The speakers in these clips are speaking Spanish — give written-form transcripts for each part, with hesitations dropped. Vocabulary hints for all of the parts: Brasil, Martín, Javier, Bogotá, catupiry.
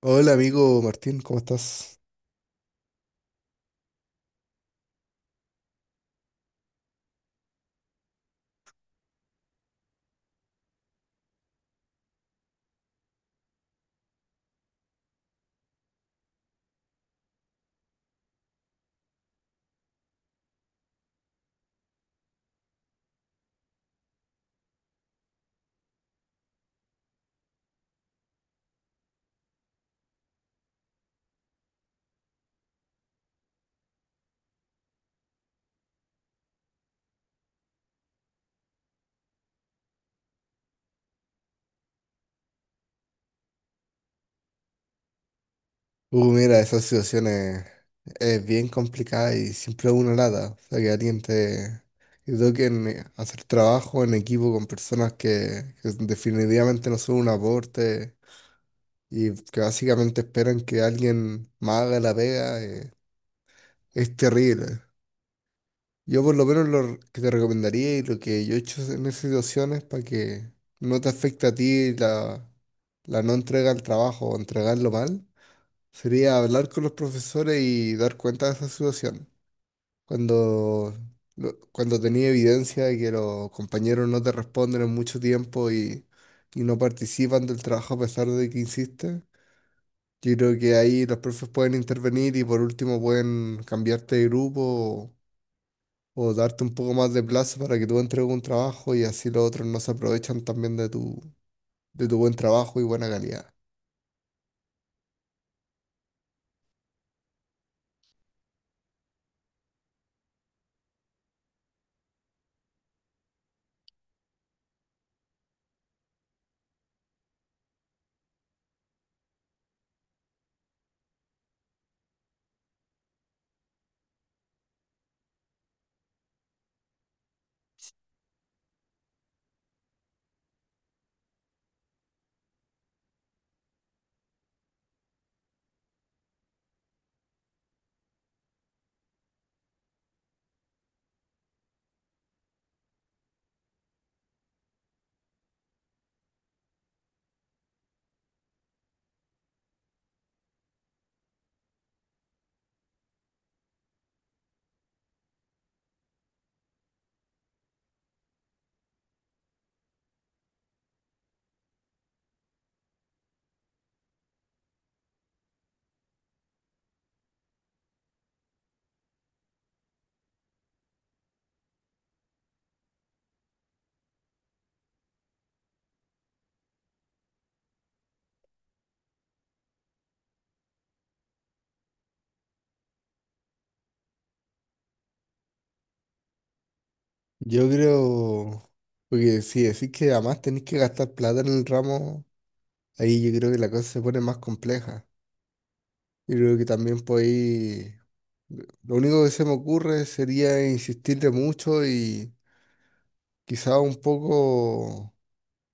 Hola amigo Martín, ¿cómo estás? Mira, es bien complicada y siempre una lata. O sea, que alguien te... Yo creo que te toquen hacer trabajo en equipo con personas que definitivamente no son un aporte y que básicamente esperan que alguien más haga la pega, es terrible. Yo por lo menos lo que te recomendaría y lo que yo he hecho en esas situaciones para que no te afecte a ti la no entrega al trabajo o entregarlo mal sería hablar con los profesores y dar cuenta de esa situación. Cuando, Cuando tenía evidencia de que los compañeros no te responden en mucho tiempo y no participan del trabajo a pesar de que insistes, yo creo que ahí los profes pueden intervenir y por último pueden cambiarte de grupo o darte un poco más de plazo para que tú entregues un trabajo y así los otros no se aprovechan también de de tu buen trabajo y buena calidad. Yo creo, porque si decís que además tenés que gastar plata en el ramo, ahí yo creo que la cosa se pone más compleja. Yo creo que también podéis, lo único que se me ocurre sería insistirle mucho y quizá un poco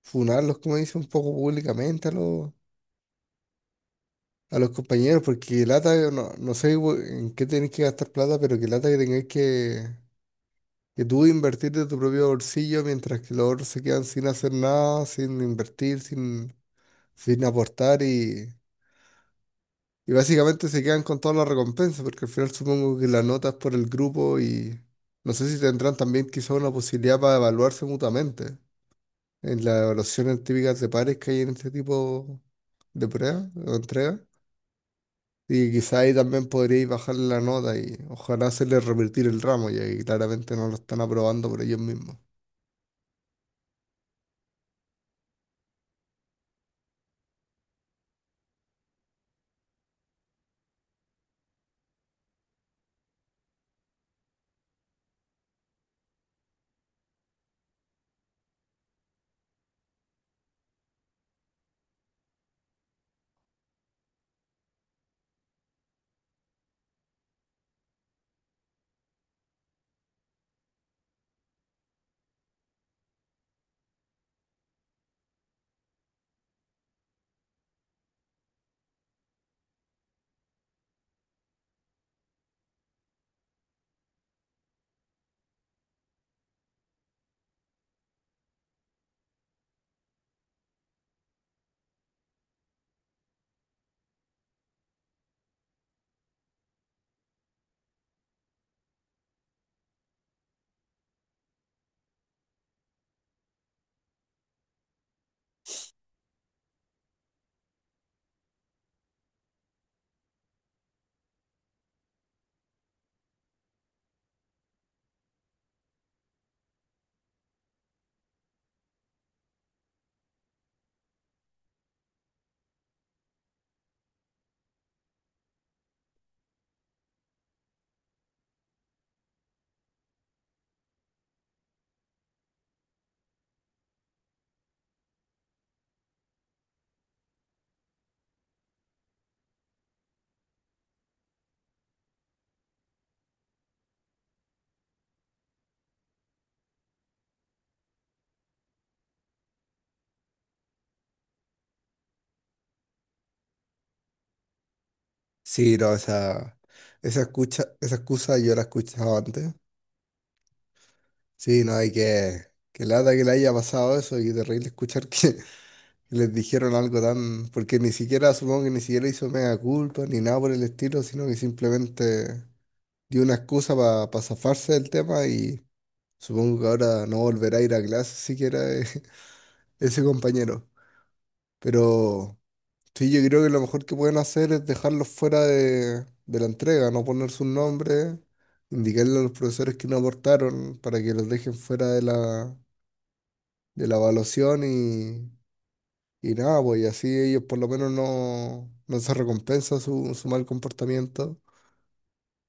funarlos, como dice, un poco públicamente a a los compañeros, porque lata, no, no sé bu- en qué tenéis que gastar plata, pero que lata que que tú invertir de tu propio bolsillo mientras que los otros se quedan sin hacer nada, sin invertir, sin... sin aportar y básicamente se quedan con todas las recompensas, porque al final supongo que las notas por el grupo y no sé si tendrán también quizá una posibilidad para evaluarse mutuamente en las evaluaciones típicas de pares que hay en este tipo de pruebas o entregas. Y quizá ahí también podríais bajarle la nota y ojalá hacerle revertir el ramo, ya que claramente no lo están aprobando por ellos mismos. Sí, no, esa excusa yo la he escuchado antes. Sí, no hay que... Que lata que le haya pasado eso y terrible escuchar que les dijeron algo tan... Porque ni siquiera, supongo que ni siquiera hizo mea culpa ni nada por el estilo, sino que simplemente dio una excusa para zafarse del tema y supongo que ahora no volverá a ir a clase siquiera, ese compañero. Pero sí, yo creo que lo mejor que pueden hacer es dejarlos fuera de la entrega, no poner sus nombres, indicarle a los profesores que no aportaron para que los dejen fuera de la evaluación y nada, pues y así ellos por lo menos no, no se recompensa su mal comportamiento.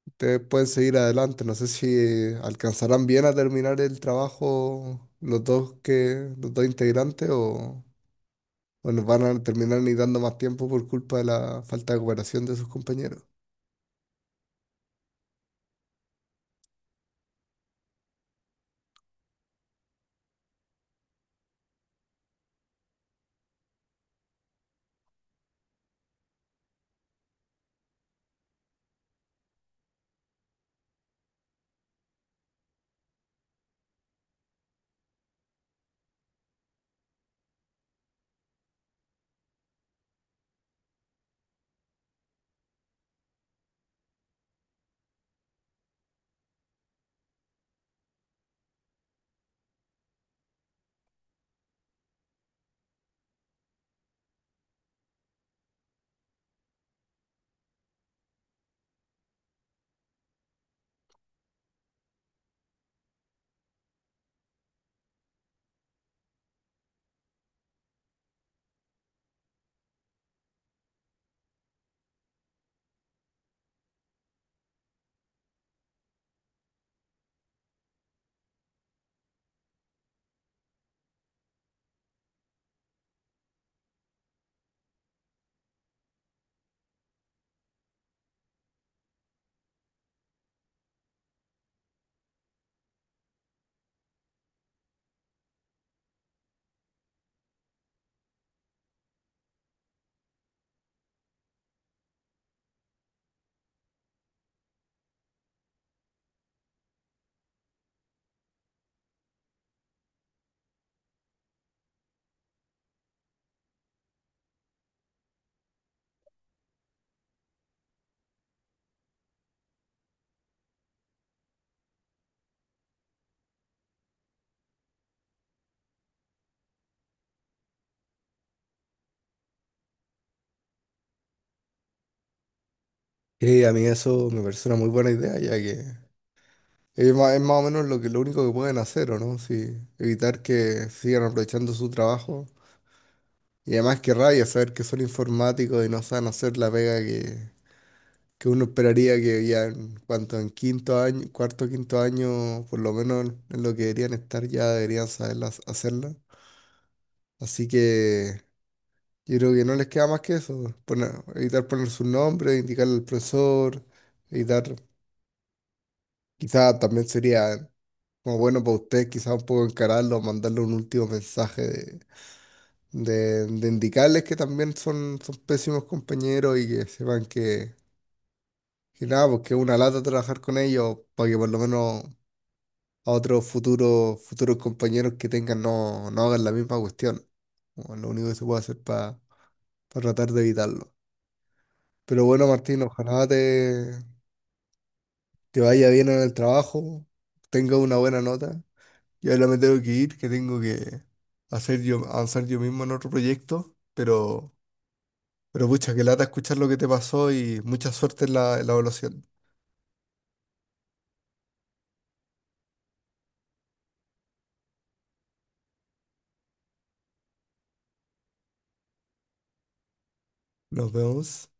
Ustedes pueden seguir adelante, no sé si alcanzarán bien a terminar el trabajo los dos integrantes o nos van a terminar ni dando más tiempo por culpa de la falta de cooperación de sus compañeros. Y a mí eso me parece una muy buena idea, ya que es más o menos lo único que pueden hacer, ¿o no?, si evitar que sigan aprovechando su trabajo. Y además qué rabia saber que son informáticos y no saben hacer la pega que uno esperaría que ya en cuanto en quinto año, cuarto, quinto año, por lo menos en lo que deberían estar, ya deberían saberla hacerla. Así que yo creo que no les queda más que eso, poner- evitar poner su nombre, indicarle al profesor, evitar, quizá también sería como bueno para ustedes, quizá un poco encararlo, mandarle un último mensaje de de indicarles que también son pésimos compañeros y que sepan que. Y nada, porque es una lata trabajar con ellos para que por lo menos a otros futuros compañeros que tengan no, no hagan la misma cuestión. Bueno, lo único que se puede hacer para tratar de evitarlo. Pero bueno, Martín, ojalá te vaya bien en el trabajo, tengas una buena nota. Yo ahora me tengo que ir, que tengo que hacer yo, avanzar yo mismo en otro proyecto, pero pucha, que lata escuchar lo que te pasó y mucha suerte en en la evaluación. Nos vemos.